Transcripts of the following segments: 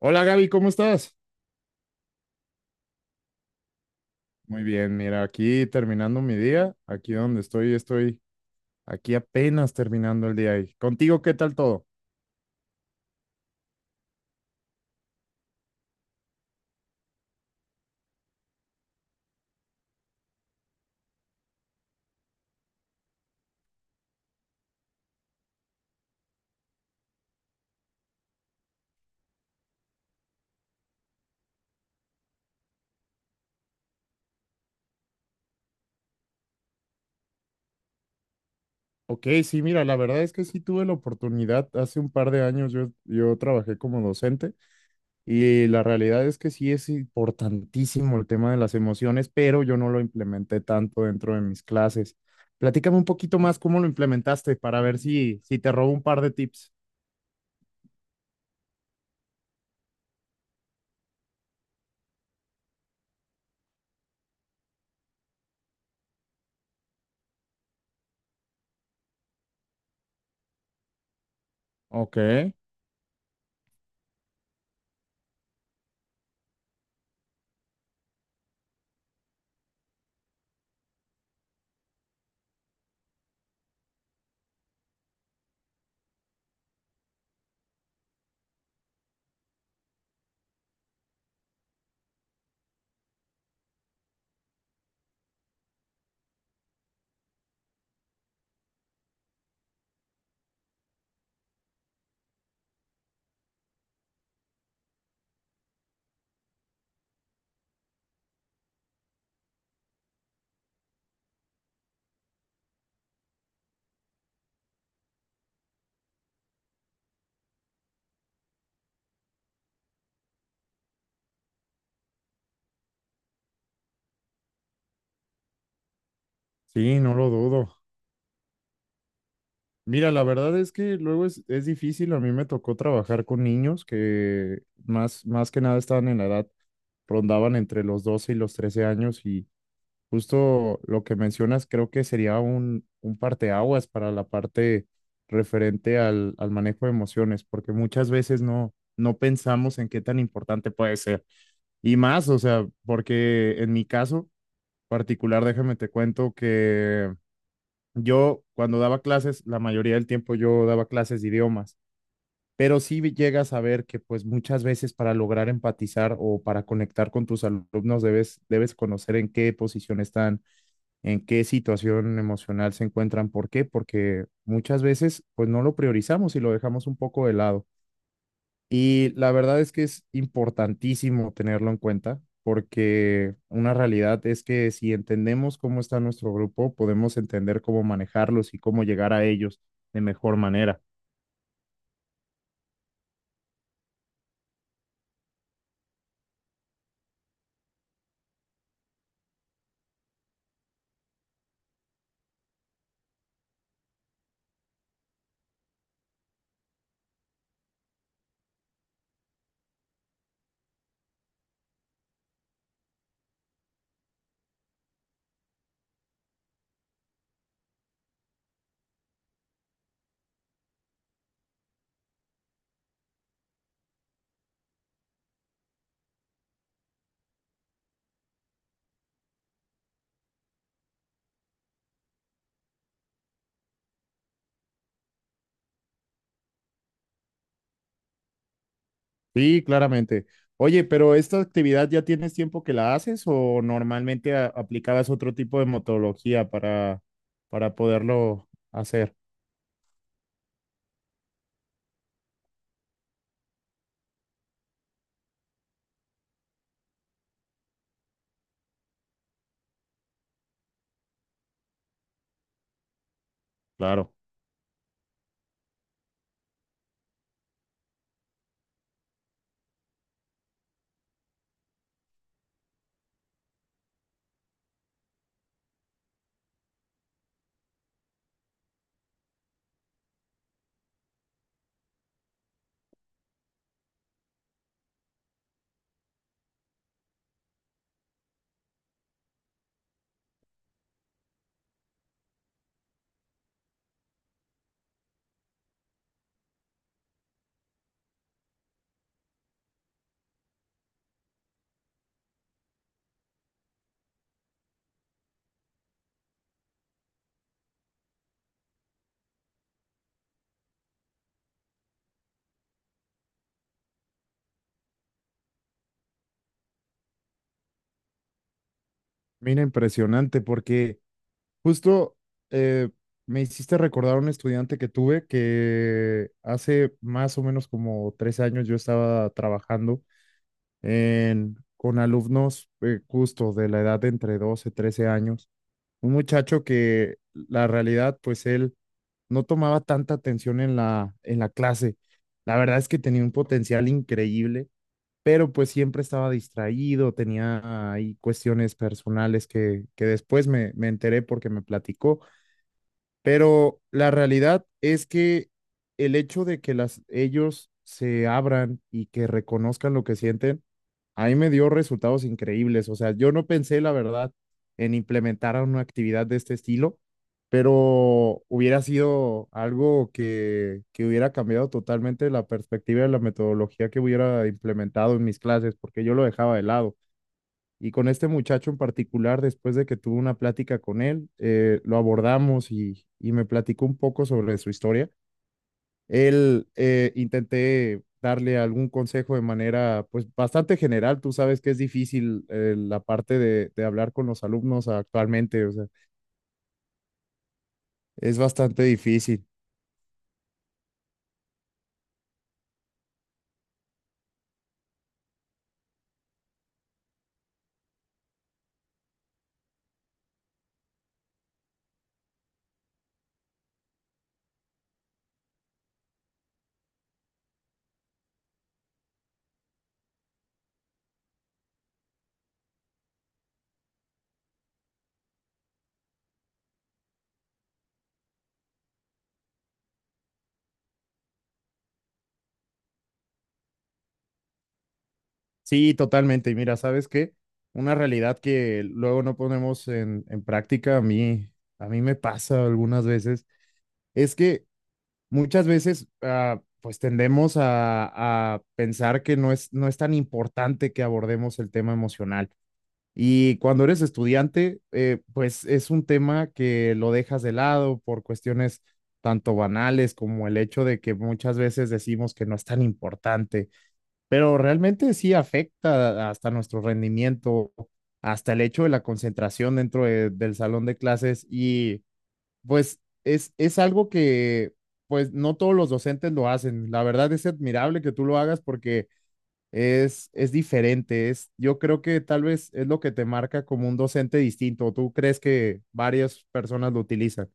Hola Gaby, ¿cómo estás? Muy bien, mira, aquí terminando mi día, aquí donde estoy, aquí apenas terminando el día. ¿Y contigo qué tal todo? Ok, sí, mira, la verdad es que sí tuve la oportunidad, hace un par de años yo trabajé como docente y la realidad es que sí es importantísimo el tema de las emociones, pero yo no lo implementé tanto dentro de mis clases. Platícame un poquito más cómo lo implementaste para ver si te robo un par de tips. Ok, sí, no lo dudo. Mira, la verdad es que luego es difícil. A mí me tocó trabajar con niños que más que nada estaban en la edad, rondaban entre los 12 y los 13 años y justo lo que mencionas creo que sería un parteaguas para la parte referente al manejo de emociones, porque muchas veces no pensamos en qué tan importante puede ser. Y más, o sea, porque en mi caso particular, déjame te cuento que yo cuando daba clases, la mayoría del tiempo yo daba clases de idiomas, pero sí llegas a ver que pues muchas veces para lograr empatizar o para conectar con tus alumnos debes conocer en qué posición están, en qué situación emocional se encuentran. ¿Por qué? Porque muchas veces pues no lo priorizamos y lo dejamos un poco de lado. Y la verdad es que es importantísimo tenerlo en cuenta porque una realidad es que si entendemos cómo está nuestro grupo, podemos entender cómo manejarlos y cómo llegar a ellos de mejor manera. Sí, claramente. Oye, pero esta actividad ya tienes tiempo que la haces o normalmente aplicabas otro tipo de metodología para poderlo hacer? Claro. Mira, impresionante porque Justo eh, me hiciste recordar a un estudiante que tuve que hace más o menos como 3 años yo estaba trabajando en, con alumnos justo de la edad de entre 12 13 años. Un muchacho que la realidad, pues él no tomaba tanta atención en la clase. La verdad es que tenía un potencial increíble, pero pues siempre estaba distraído, tenía ahí cuestiones personales que después me enteré porque me platicó pero la realidad es que el hecho de que las, ellos se abran y que reconozcan lo que sienten, a mí me dio resultados increíbles. O sea, yo no pensé, la verdad, en implementar una actividad de este estilo, pero hubiera sido algo que hubiera cambiado totalmente la perspectiva de la metodología que hubiera implementado en mis clases, porque yo lo dejaba de lado. Y con este muchacho en particular, después de que tuve una plática con él, lo abordamos y me platicó un poco sobre su historia. Él intenté darle algún consejo de manera pues bastante general. Tú sabes que es difícil la parte de hablar con los alumnos actualmente, o sea, es bastante difícil. Sí, totalmente. Y mira, ¿sabes qué? Una realidad que luego no ponemos en práctica, a mí me pasa algunas veces, es que muchas veces pues tendemos a pensar que no es tan importante que abordemos el tema emocional. Y cuando eres estudiante, pues es un tema que lo dejas de lado por cuestiones tanto banales como el hecho de que muchas veces decimos que no es tan importante, pero realmente sí afecta hasta nuestro rendimiento, hasta el hecho de la concentración dentro del salón de clases y pues es algo que pues no todos los docentes lo hacen. La verdad es admirable que tú lo hagas porque es diferente. Es, yo creo que tal vez es lo que te marca como un docente distinto. ¿Tú crees que varias personas lo utilizan?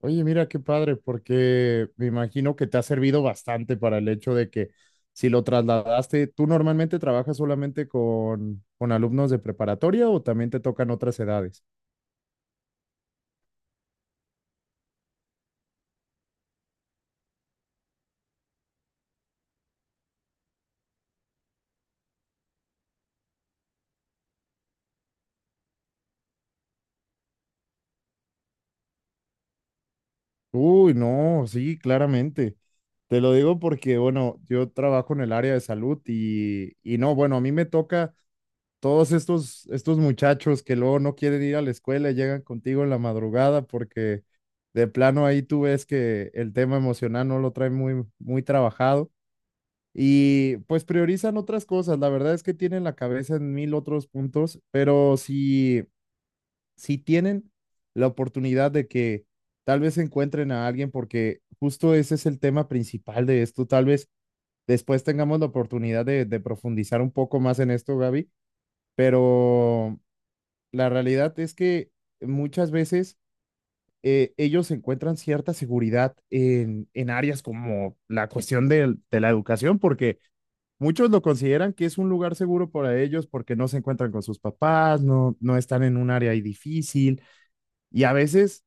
Oye, mira qué padre, porque me imagino que te ha servido bastante para el hecho de que si lo trasladaste, ¿tú normalmente trabajas solamente con alumnos de preparatoria o también te tocan otras edades? Uy, no, sí, claramente. Te lo digo porque, bueno, yo trabajo en el área de salud y no, bueno, a mí me toca todos estos muchachos que luego no quieren ir a la escuela y llegan contigo en la madrugada porque de plano ahí tú ves que el tema emocional no lo trae muy trabajado y pues priorizan otras cosas. La verdad es que tienen la cabeza en mil otros puntos, pero sí si tienen la oportunidad de que tal vez encuentren a alguien, porque justo ese es el tema principal de esto, tal vez después tengamos la oportunidad de profundizar un poco más en esto, Gaby, pero la realidad es que muchas veces ellos encuentran cierta seguridad en áreas como la cuestión de la educación, porque muchos lo consideran que es un lugar seguro para ellos porque no se encuentran con sus papás, no están en un área ahí difícil y a veces,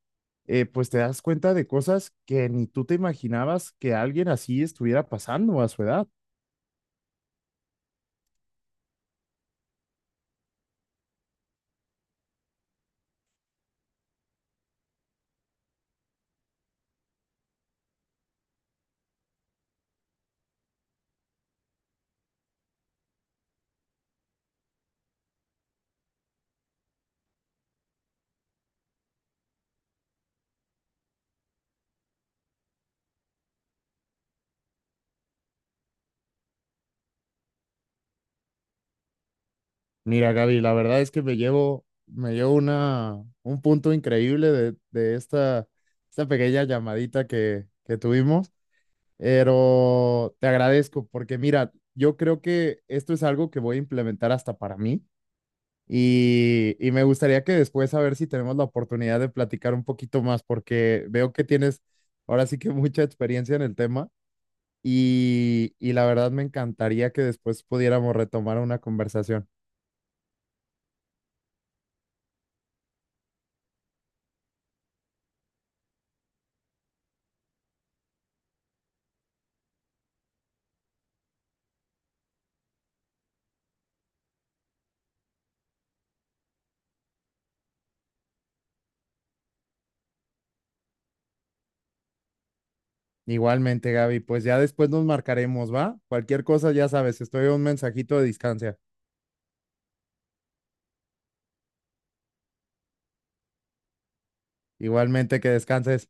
pues te das cuenta de cosas que ni tú te imaginabas que alguien así estuviera pasando a su edad. Mira, Gaby, la verdad es que me llevo una, un punto increíble de esta, esta pequeña llamadita que tuvimos, pero te agradezco porque mira, yo creo que esto es algo que voy a implementar hasta para mí. Y me gustaría que después a ver si tenemos la oportunidad de platicar un poquito más, porque veo que tienes ahora sí que mucha experiencia en el tema y la verdad me encantaría que después pudiéramos retomar una conversación. Igualmente, Gaby, pues ya después nos marcaremos, ¿va? Cualquier cosa, ya sabes, estoy a un mensajito de distancia. Igualmente, que descanses.